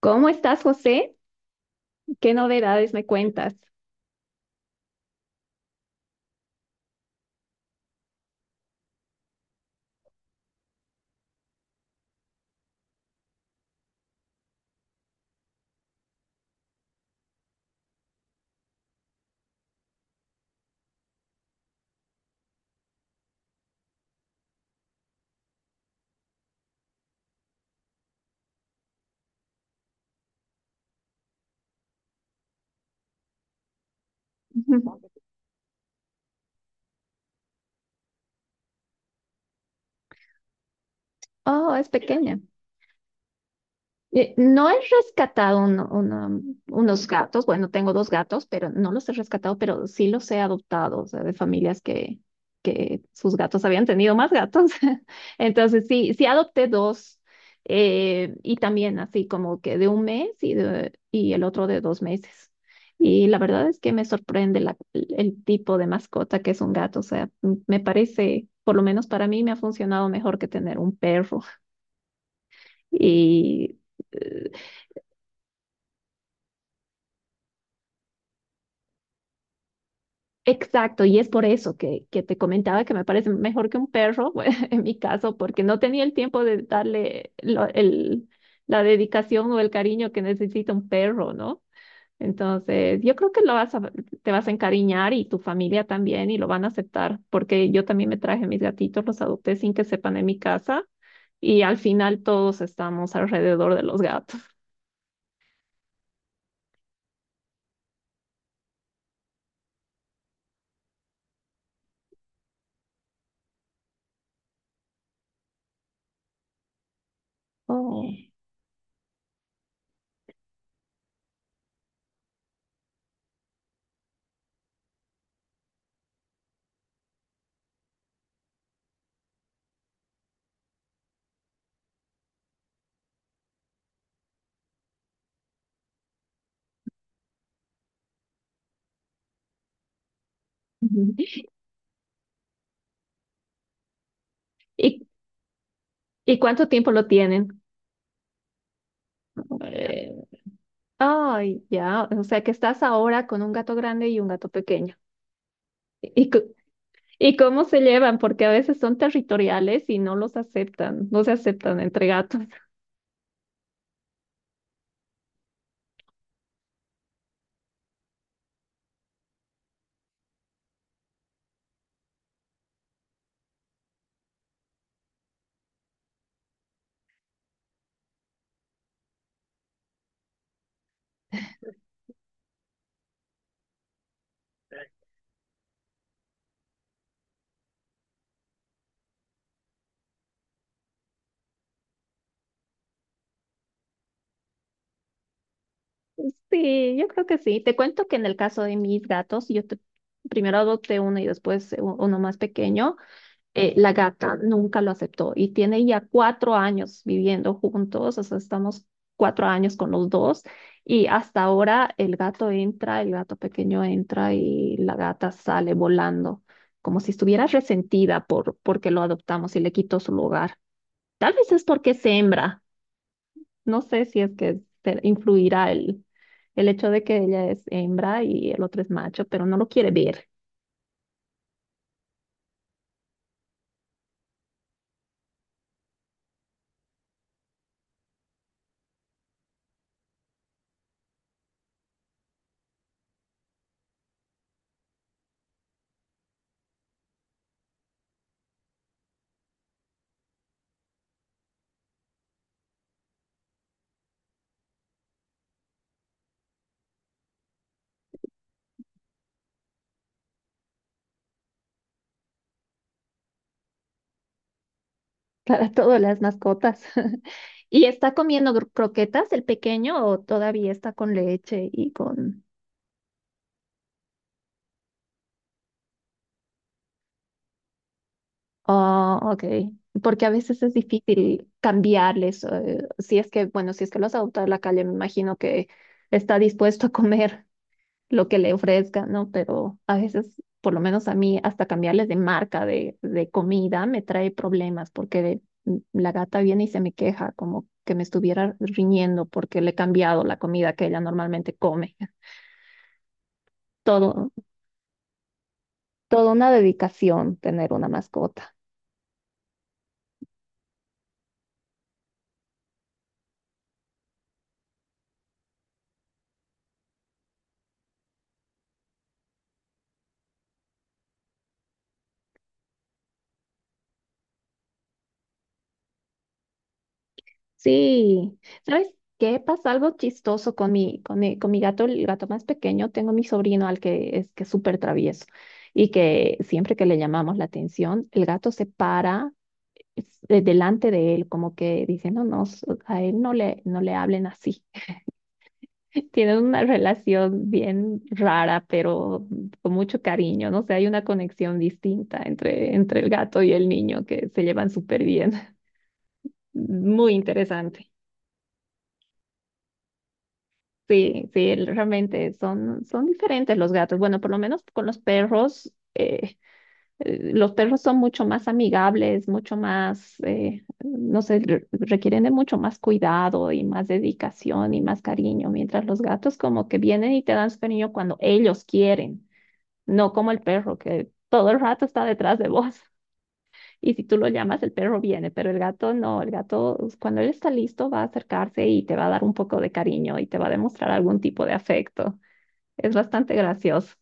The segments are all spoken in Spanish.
¿Cómo estás, José? ¿Qué novedades me cuentas? Oh, es pequeña. No he rescatado unos gatos, bueno, tengo dos gatos, pero no los he rescatado, pero sí los he adoptado, o sea, de familias que sus gatos habían tenido más gatos. Entonces, sí adopté dos, y también así como que de un mes y, y el otro de dos meses. Y la verdad es que me sorprende el tipo de mascota que es un gato, o sea, me parece, por lo menos para mí, me ha funcionado mejor que tener un perro. Y eh, Exacto, y es por eso que te comentaba que me parece mejor que un perro, en mi caso, porque no tenía el tiempo de darle el, la dedicación o el cariño que necesita un perro, ¿no? Entonces, yo creo que te vas a encariñar y tu familia también y lo van a aceptar, porque yo también me traje mis gatitos, los adopté sin que sepan en mi casa y al final todos estamos alrededor de los gatos. Oh. Ujú. ¿Y, y, ¿cuánto tiempo lo tienen? Eh, Ay, ya, o sea que estás ahora con un gato grande y un gato pequeño. ¿Y, co- ¿Y cómo se llevan? Porque a veces son territoriales y no los aceptan, no se aceptan entre gatos. Sí, yo creo que sí. Te cuento que en el caso de mis gatos, primero adopté uno y después uno más pequeño. La gata nunca lo aceptó y tiene ya cuatro años viviendo juntos, o sea, estamos cuatro años con los dos y hasta ahora el gato entra, el gato pequeño entra y la gata sale volando, como si estuviera resentida porque lo adoptamos y le quitó su lugar. Tal vez es porque es hembra, no sé si es que influirá el hecho de que ella es hembra y el otro es macho, pero no lo quiere ver. Para todas las mascotas. ¿Y está comiendo croquetas el pequeño o todavía está con leche y con... Oh, ok. Porque a veces es difícil cambiarles. Si es que, bueno, si es que los adopta a la calle, me imagino que está dispuesto a comer lo que le ofrezcan, ¿no? Pero a veces, por lo menos a mí, hasta cambiarles de marca de comida me trae problemas porque la gata viene y se me queja como que me estuviera riñendo porque le he cambiado la comida que ella normalmente come. Todo, Toda una dedicación tener una mascota. Sí, ¿sabes qué? Pasa algo chistoso con mi gato, el gato más pequeño. Tengo mi sobrino al que es súper travieso y que siempre que le llamamos la atención, el gato se para delante de él, como que diciendo, no, a él no le, no le hablen así. Tienen una relación bien rara, pero con mucho cariño, no sé, hay una conexión distinta entre, entre el gato y el niño que se llevan súper bien. Muy interesante. Sí, sí, realmente son, son diferentes los gatos. Bueno, por lo menos con los perros son mucho más amigables, mucho más, no sé, requieren de mucho más cuidado y más dedicación y más cariño, mientras los gatos como que vienen y te dan su cariño cuando ellos quieren, no como el perro que todo el rato está detrás de vos. Y si tú lo llamas, el perro viene, pero el gato no, el gato cuando él está listo va a acercarse y te va a dar un poco de cariño y te va a demostrar algún tipo de afecto. Es bastante gracioso.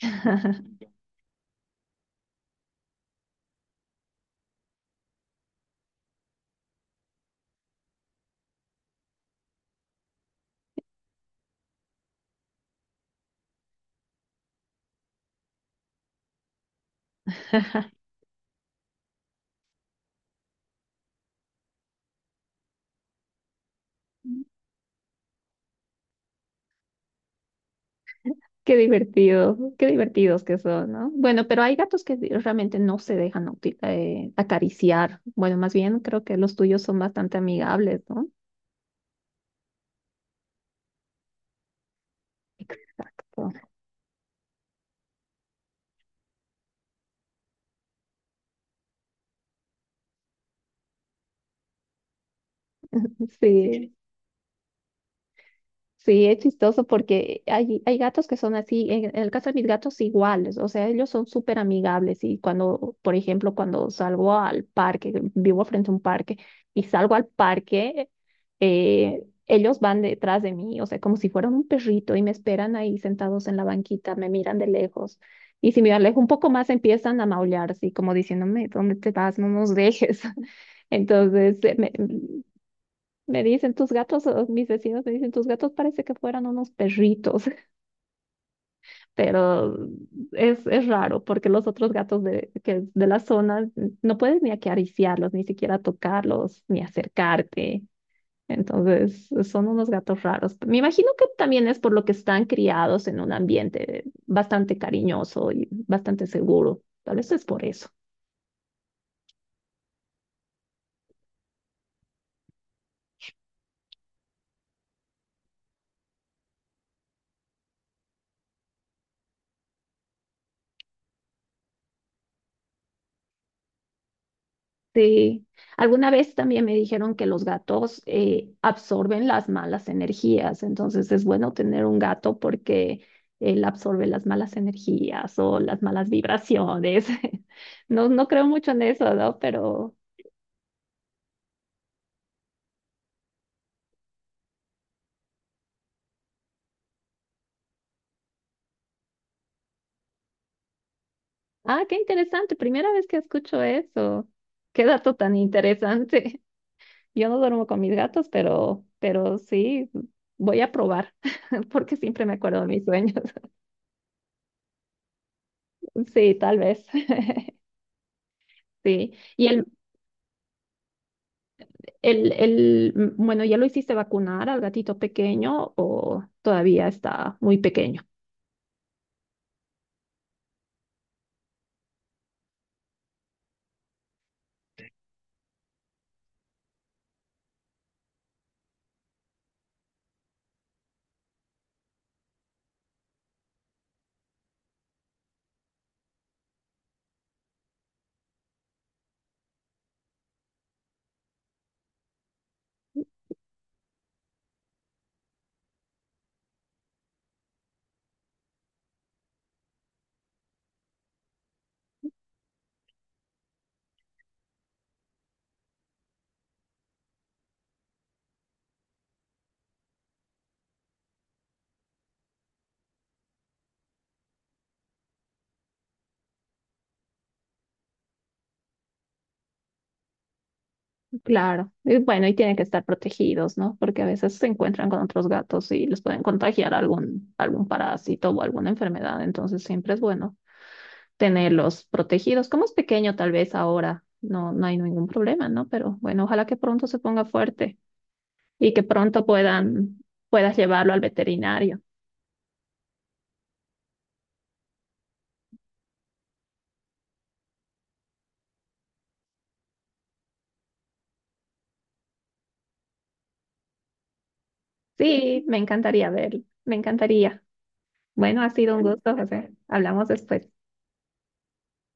Qué divertido, qué divertidos que son, ¿no? Bueno, pero hay gatos que realmente no se dejan acariciar. Bueno, más bien creo que los tuyos son bastante amigables, ¿no? Exacto. Sí. Sí, es chistoso porque hay gatos que son así, en el caso de mis gatos iguales, o sea, ellos son súper amigables y cuando, por ejemplo, cuando salgo al parque, vivo frente a un parque y salgo al parque, ellos van detrás de mí, o sea, como si fueran un perrito y me esperan ahí sentados en la banquita, me miran de lejos y si me alejo un poco más empiezan a maullar, así como diciéndome, ¿dónde te vas? No nos dejes. Entonces, me dicen tus gatos, o mis vecinos me dicen tus gatos parece que fueran unos perritos, pero es raro porque los otros gatos de la zona no puedes ni acariciarlos, ni siquiera tocarlos, ni acercarte. Entonces son unos gatos raros. Me imagino que también es por lo que están criados en un ambiente bastante cariñoso y bastante seguro. Tal vez es por eso. Sí. Alguna vez también me dijeron que los gatos absorben las malas energías, entonces es bueno tener un gato porque él absorbe las malas energías o las malas vibraciones. No, no creo mucho en eso, ¿no? Pero, ah, qué interesante, primera vez que escucho eso. Qué dato tan interesante. Yo no duermo con mis gatos, pero sí, voy a probar porque siempre me acuerdo de mis sueños. Sí, tal vez. Sí. El, bueno, ¿ya lo hiciste vacunar al gatito pequeño o todavía está muy pequeño? Claro. Y bueno, y tienen que estar protegidos, ¿no? Porque a veces se encuentran con otros gatos y les pueden contagiar algún, algún parásito o alguna enfermedad. Entonces siempre es bueno tenerlos protegidos. Como es pequeño, tal vez ahora no, no hay ningún problema, ¿no? Pero bueno, ojalá que pronto se ponga fuerte y que pronto puedas llevarlo al veterinario. Sí, me encantaría verlo. Me encantaría. Bueno, ha sido un gusto, José. Hablamos después.